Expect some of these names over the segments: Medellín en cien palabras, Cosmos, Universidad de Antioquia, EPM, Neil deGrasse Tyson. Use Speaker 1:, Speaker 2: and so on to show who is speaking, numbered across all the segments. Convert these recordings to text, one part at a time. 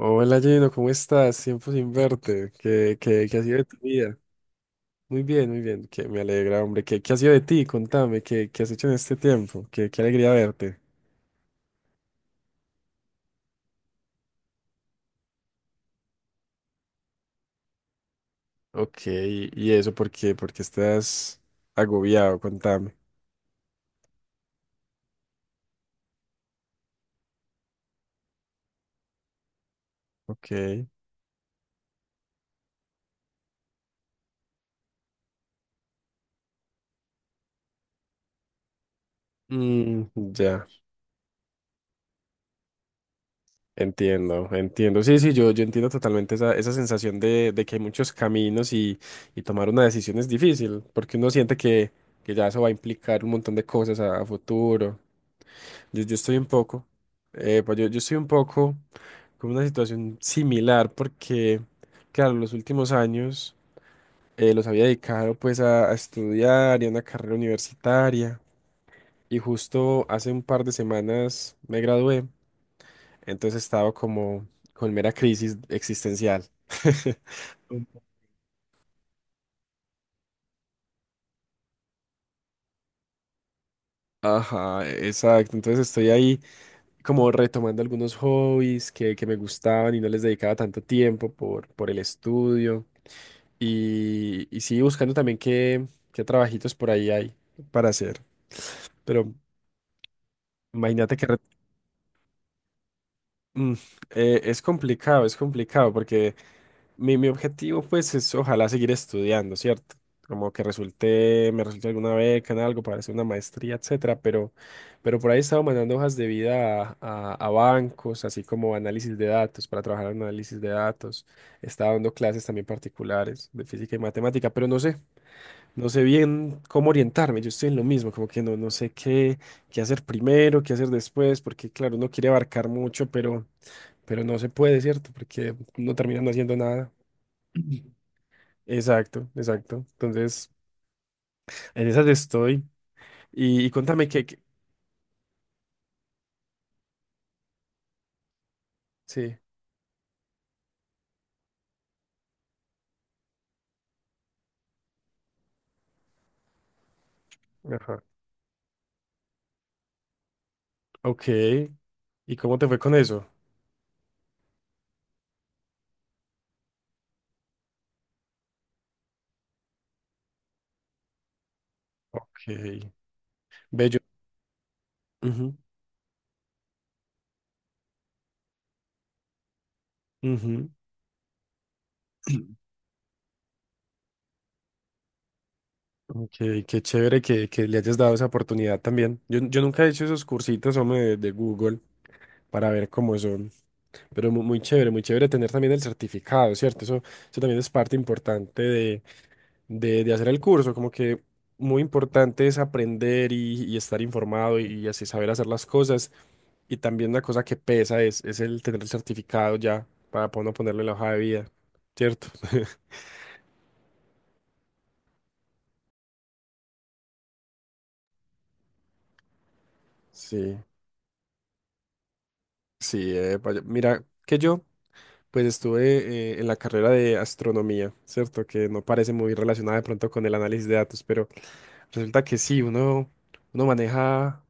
Speaker 1: Hola Gino, ¿cómo estás? Tiempo sin verte. ¿Qué ha sido de tu vida? Muy bien, muy bien. Que me alegra, hombre. ¿Qué ha sido de ti? Contame, ¿qué has hecho en este tiempo? Qué alegría verte. Ok, ¿y eso por qué? Porque estás agobiado, contame. Ok. Mm, ya, entiendo, entiendo. Sí, sí, yo entiendo totalmente esa sensación de que hay muchos caminos y tomar una decisión es difícil, porque uno siente que ya eso va a implicar un montón de cosas a futuro. Yo estoy un poco, pues yo estoy un poco con una situación similar porque, claro, los últimos años los había dedicado pues a estudiar y a una carrera universitaria y justo hace un par de semanas me gradué, entonces estaba como con mera crisis existencial. Un Ajá, exacto. Entonces estoy ahí como retomando algunos hobbies que me gustaban y no les dedicaba tanto tiempo por el estudio. Y sí, buscando también qué trabajitos por ahí hay para hacer. Pero imagínate mm, es complicado, porque mi objetivo pues es ojalá seguir estudiando, ¿cierto? Como que resulte, me resulte alguna beca en algo para hacer una maestría, etcétera. Pero por ahí he estado mandando hojas de vida a bancos, así como análisis de datos, para trabajar en análisis de datos. Estaba dando clases también particulares de física y matemática, pero no sé. No sé bien cómo orientarme, yo estoy en lo mismo, como que no sé qué hacer primero, qué hacer después, porque claro, uno quiere abarcar mucho, pero no se puede, ¿cierto? Porque no terminan haciendo nada. Exacto, exacto. Entonces, en esas estoy. Y contame qué, Sí. Ajá. Ok. ¿Y cómo te fue con eso? Ok. Bello. Ujú, ujú. Ok, qué chévere que le hayas dado esa oportunidad también. Yo nunca he hecho esos cursitos, hombre, de Google para ver cómo son. Pero muy, chévere, muy chévere tener también el certificado, ¿cierto? Eso también es parte importante de hacer el curso, como que muy importante es aprender y estar informado y así saber hacer las cosas. Y también una cosa que pesa es el tener el certificado ya para poder no ponerlo en la hoja de vida, ¿cierto? Sí, sí, mira que yo pues estuve en la carrera de astronomía, ¿cierto? Que no parece muy relacionada de pronto con el análisis de datos, pero resulta que sí, uno maneja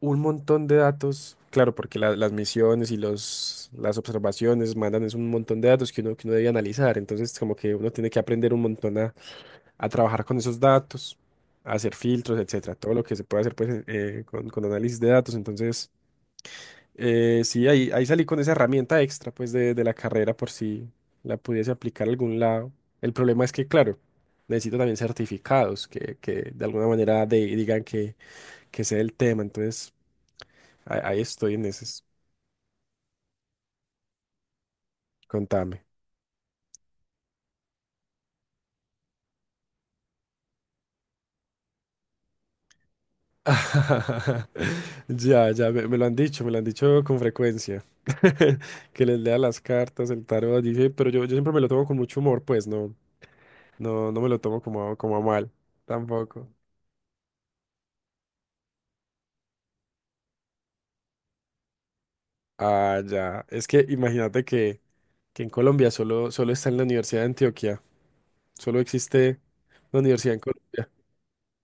Speaker 1: un montón de datos, claro, porque las misiones y los, las observaciones mandan es un montón de datos que uno debe analizar, entonces como que uno tiene que aprender un montón a trabajar con esos datos, a hacer filtros, etcétera, todo lo que se puede hacer pues con análisis de datos, entonces sí, ahí salí con esa herramienta extra, pues, de la carrera por si la pudiese aplicar a algún lado. El problema es que, claro, necesito también certificados que de alguna manera digan que sé el tema. Entonces, ahí estoy en ese. Contame. Ya, ya, me lo han dicho, me lo han dicho con frecuencia. Que les lea las cartas, el tarot, dice, pero yo siempre me lo tomo con mucho humor, pues, no, no, no me lo tomo como, a mal, tampoco. Ah, ya. Es que imagínate que en Colombia solo está en la Universidad de Antioquia. Solo existe una universidad en Colombia.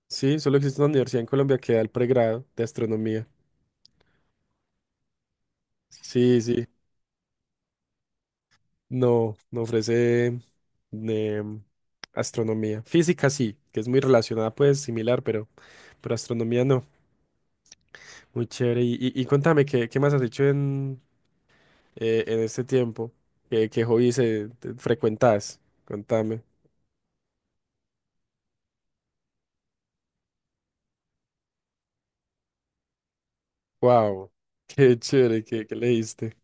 Speaker 1: Sí, solo existe una universidad en Colombia que da el pregrado de astronomía. Sí, sí. No, no ofrece em, astronomía. Física sí, que es muy relacionada, pues similar, pero astronomía no. Muy chévere. Y cuéntame, ¿qué más has hecho en este tiempo? ¿Qué hobbies frecuentas? Contame. Wow, qué chévere que leíste.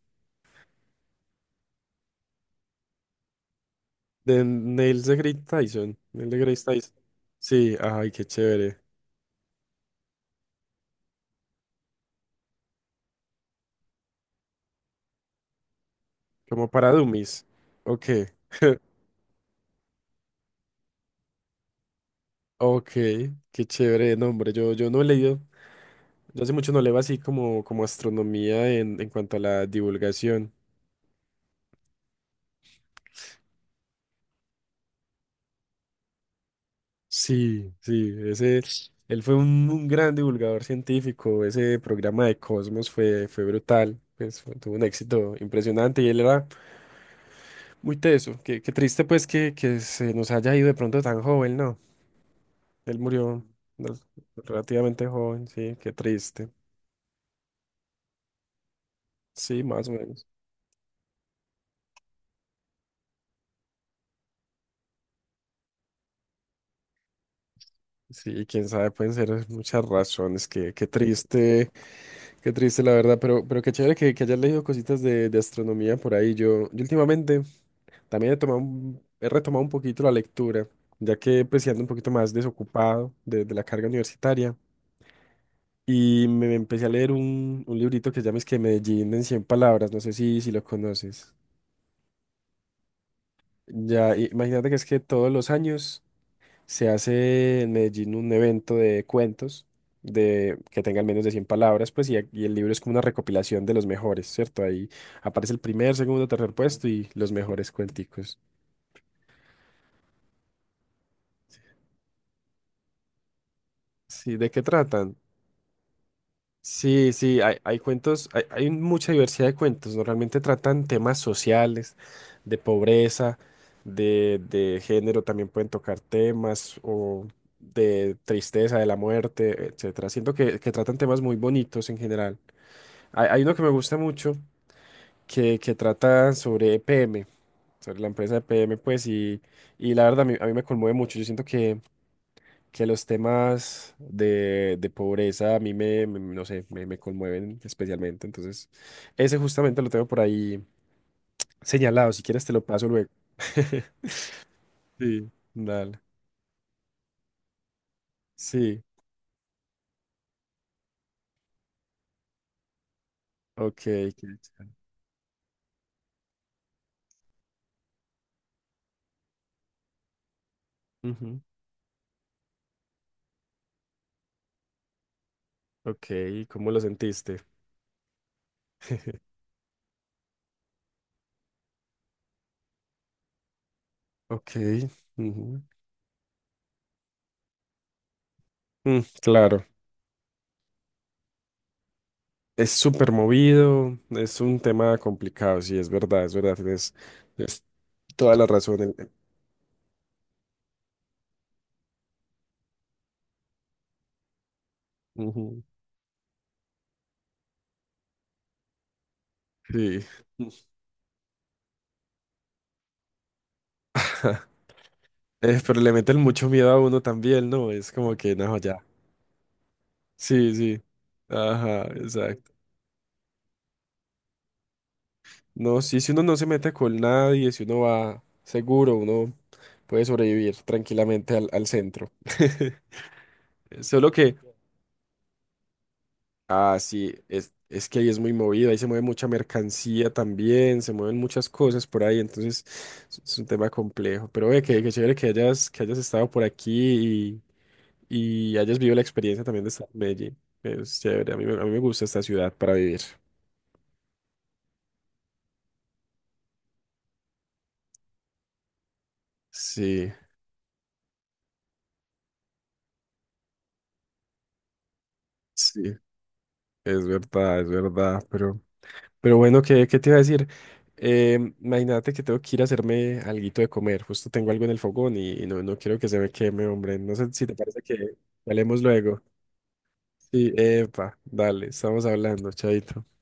Speaker 1: De Neil deGrasse Tyson. Neil deGrasse Tyson. Sí, ay, qué chévere. Como para dummies. Ok, ok, qué chévere de nombre. Yo no he leído, yo hace mucho no leo así como astronomía en cuanto a la divulgación. Sí, sí, ese, él fue un gran divulgador científico. Ese programa de Cosmos fue brutal. Pues, tuvo un éxito impresionante y él era. Muy teso, qué triste pues que se nos haya ido de pronto tan joven, ¿no? Él murió no, relativamente joven, sí, qué triste. Sí, más o menos. Sí, quién sabe, pueden ser muchas razones, qué triste, qué triste la verdad, pero qué chévere que hayas leído cositas de astronomía por ahí. Yo últimamente también he retomado un poquito la lectura, ya que pues sí ando un poquito más desocupado de la carga universitaria. Y me empecé a leer un librito que se llama es que Medellín en 100 palabras, no sé si lo conoces. Ya, imagínate que es que todos los años se hace en Medellín un evento de cuentos que tengan menos de 100 palabras, pues, y el libro es como una recopilación de los mejores, ¿cierto? Ahí aparece el primer, segundo, tercer puesto y los mejores cuenticos. Sí, ¿de qué tratan? Sí, sí, hay cuentos, hay mucha diversidad de cuentos. Normalmente tratan temas sociales, de pobreza, de género, también pueden tocar temas o de tristeza, de la muerte, etcétera. Siento que tratan temas muy bonitos en general. Hay uno que me gusta mucho que trata sobre EPM, sobre la empresa EPM, pues, y la verdad a mí me conmueve mucho. Yo siento que los temas de pobreza a mí no sé, me conmueven especialmente. Entonces, ese justamente lo tengo por ahí señalado. Si quieres, te lo paso luego. Sí, dale. Sí, ok. Qué chévere. Ujú, ok, ¿cómo lo sentiste? Ok. Ujú. Claro, es súper movido, es un tema complicado, sí, es verdad, tienes, toda la razón. Ujú, Sí. Pero le meten mucho miedo a uno también, ¿no? Es como que, no, ya. Sí, sí. Ajá, exacto. No, sí, si uno no se mete con nadie, si uno va seguro, uno puede sobrevivir tranquilamente al centro. Solo que, ah, sí, es que ahí es muy movido, ahí se mueve mucha mercancía también, se mueven muchas cosas por ahí, entonces es un tema complejo. Pero ve que chévere que hayas estado por aquí y hayas vivido la experiencia también de estar en Medellín. Es chévere, a mí me gusta esta ciudad para vivir. Sí, sí, es verdad, pero bueno, ¿qué te iba a decir? Imagínate que tengo que ir a hacerme alguito de comer, justo tengo algo en el fogón y no quiero que se me queme, hombre, no sé si te parece que hablemos luego. Sí, epa, dale, estamos hablando, chaito.